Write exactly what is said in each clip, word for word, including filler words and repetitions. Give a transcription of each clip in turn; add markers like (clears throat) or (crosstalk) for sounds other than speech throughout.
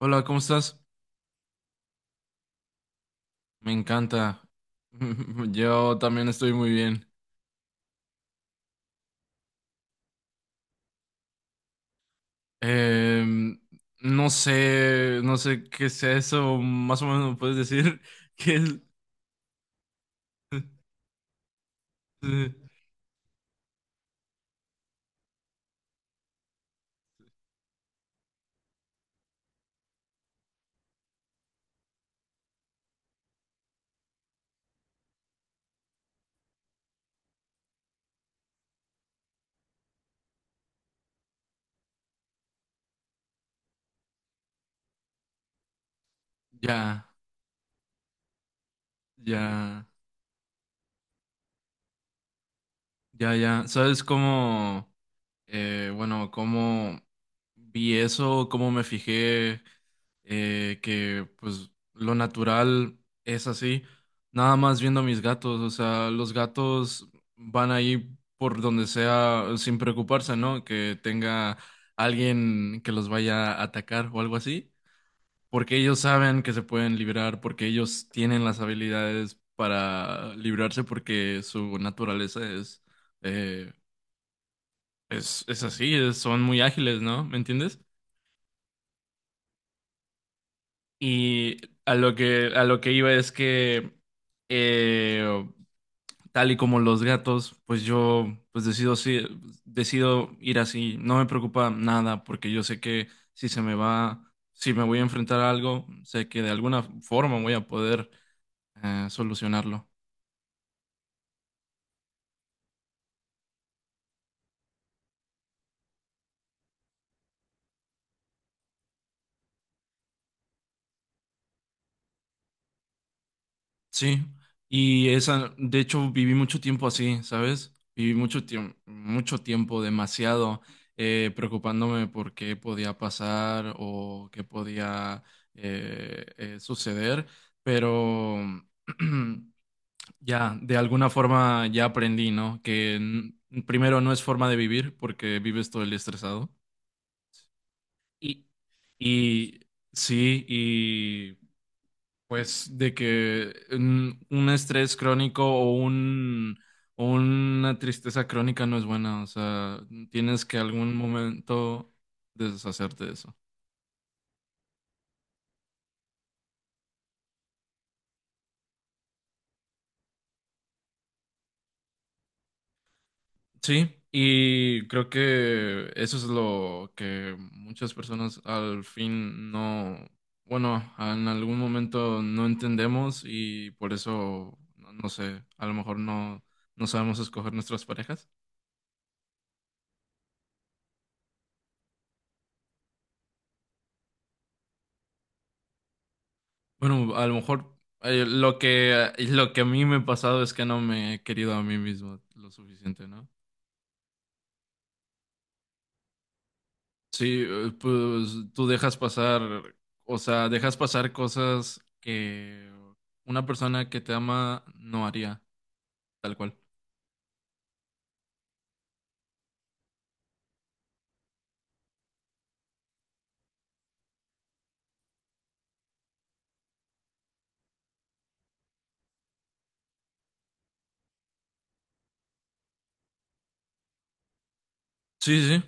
Hola, ¿cómo estás? Me encanta. (laughs) Yo también estoy muy bien. Em, no sé, no sé qué sea eso. Más o menos me puedes decir (laughs) que es. (laughs) Ya, ya, ya, ya. ¿Sabes cómo? Eh, bueno, cómo vi eso, cómo me fijé eh, que pues lo natural es así, nada más viendo a mis gatos, o sea, los gatos van ahí por donde sea sin preocuparse, ¿no? Que tenga alguien que los vaya a atacar o algo así, porque ellos saben que se pueden librar, porque ellos tienen las habilidades para librarse, porque su naturaleza es eh, es, es así, es- son muy ágiles, ¿no? ¿Me entiendes? Y a lo que, a lo que iba es que, eh, tal y como los gatos, pues yo pues decido, si- decido ir así. No me preocupa nada porque yo sé que si se me va, si me voy a enfrentar a algo, sé que de alguna forma voy a poder eh, solucionarlo. Sí, y esa, de hecho, viví mucho tiempo así, ¿sabes? Viví mucho tiempo, mucho tiempo, demasiado, eh, preocupándome por qué podía pasar o qué podía eh, eh, suceder, pero (clears throat) ya, de alguna forma ya aprendí, ¿no? Que n- primero no es forma de vivir porque vives todo el día estresado. Y, y sí, pues de que un, un estrés crónico o un, o una tristeza crónica no es buena, o sea, tienes que algún momento deshacerte de eso. Sí, y creo que eso es lo que muchas personas al fin no, bueno, en algún momento no entendemos y por eso, no, no sé, a lo mejor no, no sabemos escoger nuestras parejas. Bueno, a lo mejor eh, lo que, lo que a mí me ha pasado es que no me he querido a mí mismo lo suficiente, ¿no? Sí, eh, pues tú dejas pasar, o sea, dejas pasar cosas que una persona que te ama no haría, tal cual. Sí, sí, sí.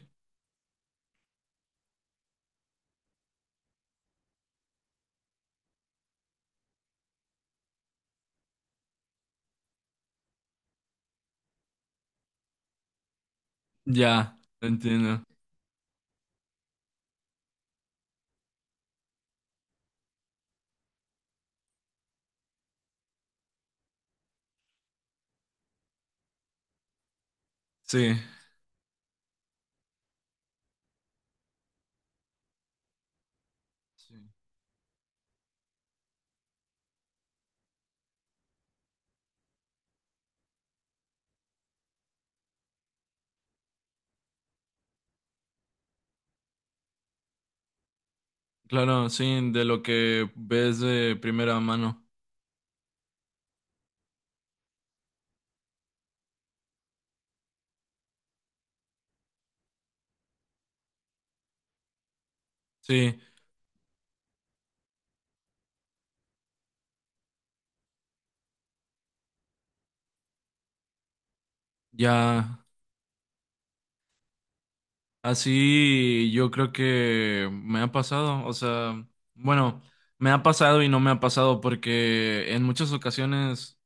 Ya, entiendo. Sí, sí. Claro, sí, de lo que ves de primera mano. Sí, ya. Así yo creo que me ha pasado, o sea, bueno, me ha pasado y no me ha pasado porque en muchas ocasiones.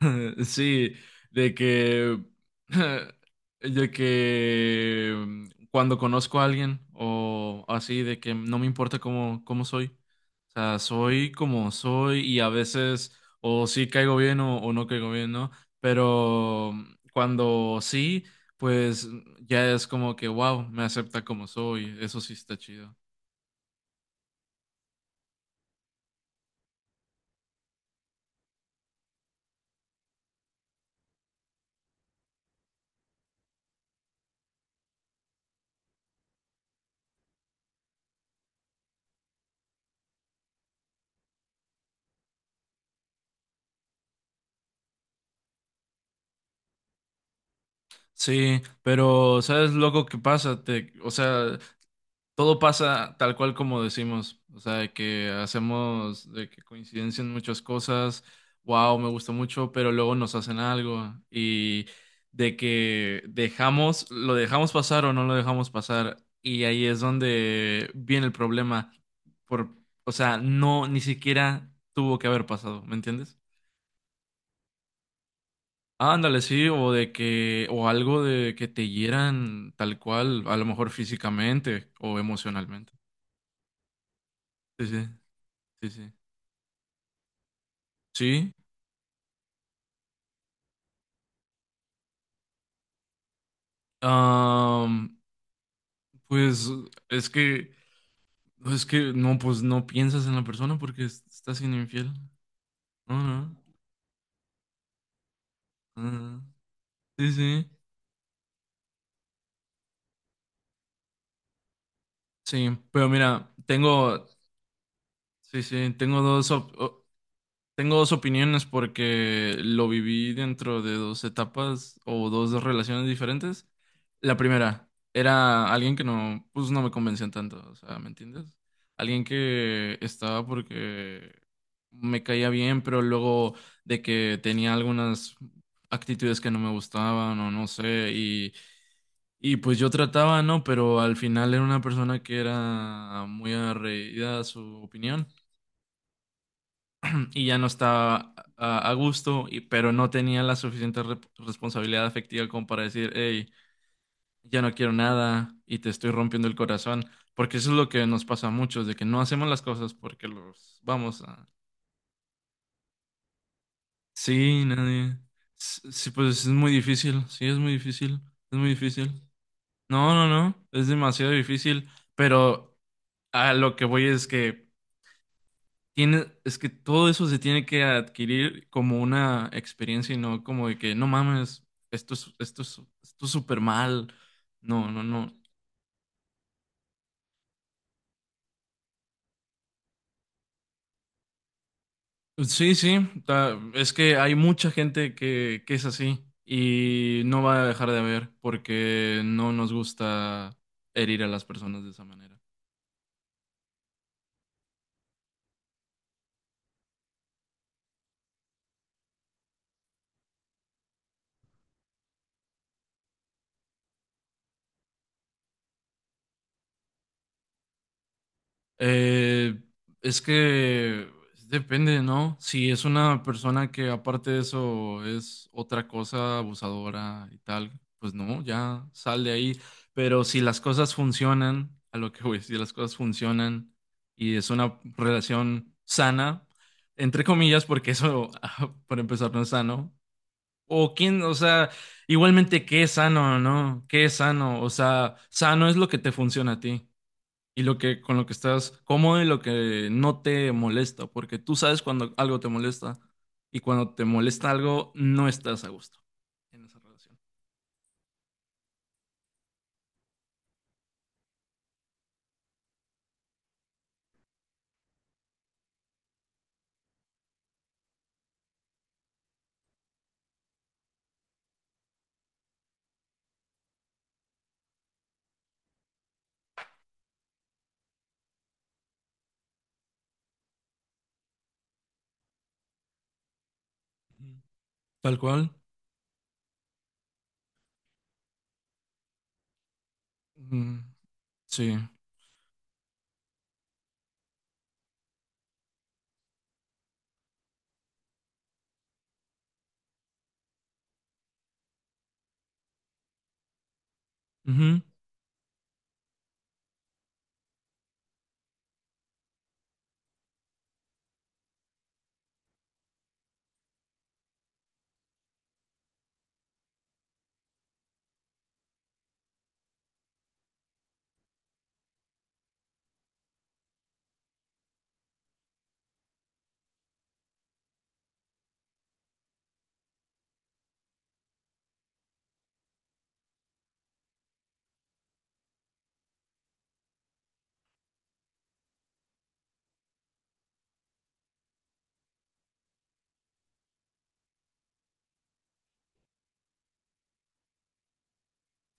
(laughs) Sí, de que, (laughs) de que mm, cuando conozco a alguien o así, de que no me importa cómo, cómo soy. O sea, soy como soy y a veces o sí caigo bien o, o no caigo bien, ¿no? Pero mm, cuando sí, pues mm, ya es como que, wow, me acepta como soy. Eso sí está chido. Sí, pero ¿sabes lo que pasa? Te, o sea, todo pasa tal cual como decimos, o sea, de que hacemos, de que coincidencian muchas cosas, wow, me gusta mucho, pero luego nos hacen algo y de que dejamos, lo dejamos pasar o no lo dejamos pasar y ahí es donde viene el problema, por, o sea, no, ni siquiera tuvo que haber pasado, ¿me entiendes? Ándale, sí, o de que, o algo de que te hieran tal cual, a lo mejor físicamente o emocionalmente. Sí, sí, sí, sí. Sí, am, pues es que, pues, es que no, pues no piensas en la persona porque es- estás siendo infiel. No, no, no, no. No. Sí, sí, sí, pero mira, tengo, sí, sí, tengo dos, op- tengo dos opiniones porque lo viví dentro de dos etapas o dos relaciones diferentes. La primera era alguien que no, pues no me convencía tanto, o sea, ¿me entiendes? Alguien que estaba porque me caía bien, pero luego de que tenía algunas actitudes que no me gustaban o no sé, y, y pues yo trataba, ¿no? Pero al final era una persona que era muy arraigada a su opinión y ya no estaba a, a gusto, y, pero no tenía la suficiente re- responsabilidad afectiva como para decir, hey, ya no quiero nada y te estoy rompiendo el corazón, porque eso es lo que nos pasa a muchos, de que no hacemos las cosas porque los vamos a... Sí, nadie. S- Sí, pues es muy difícil, sí, es muy difícil, es muy difícil. No, no, no, es demasiado difícil, pero a lo que voy es que tiene, es que todo eso se tiene que adquirir como una experiencia y no como de que no mames, esto es, esto es, esto es súper mal. No, no, no. Sí, sí, ta- es que hay mucha gente que, que es así y no va a dejar de haber porque no nos gusta herir a las personas de esa manera. Eh, es que depende, ¿no? Si es una persona que aparte de eso es otra cosa abusadora y tal, pues no, ya sal de ahí. Pero si las cosas funcionan, a lo que voy, si las cosas funcionan y es una relación sana, entre comillas, porque eso, (laughs) ah, por empezar, no es sano. O quién, o sea, igualmente qué es sano, ¿no? ¿Qué es sano? O sea, sano es lo que te funciona a ti y lo que con lo que estás cómodo y lo que no te molesta, porque tú sabes cuando algo te molesta y cuando te molesta algo no estás a gusto en esa relación. Ujú. Tal cual. Mm, sí. Ujú.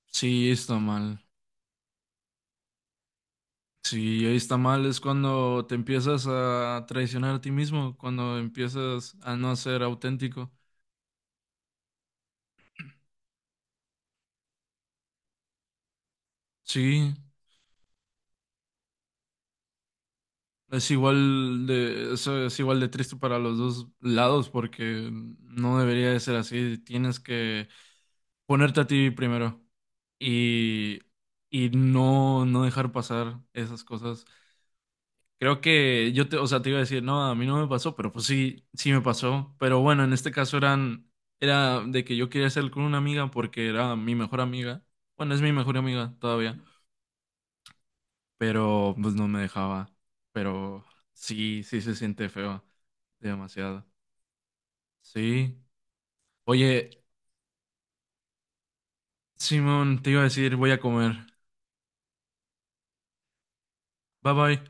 Sí, está mal. Sí, ahí está mal es cuando te empiezas a traicionar a ti mismo, cuando empiezas a no ser auténtico. Sí, es igual de, eso es igual de triste para los dos lados porque no debería de ser así. Tienes que ponerte a ti primero y, y no, no dejar pasar esas cosas. Creo que yo te, o sea, te iba a decir, no, a mí no me pasó, pero pues sí, sí me pasó. Pero bueno, en este caso eran, era de que yo quería hacer con una amiga porque era mi mejor amiga. Bueno, es mi mejor amiga todavía pero pues no me dejaba. Pero sí, sí se siente feo, demasiado. Sí. Oye, Simón, te iba a decir, voy a comer. Bye bye.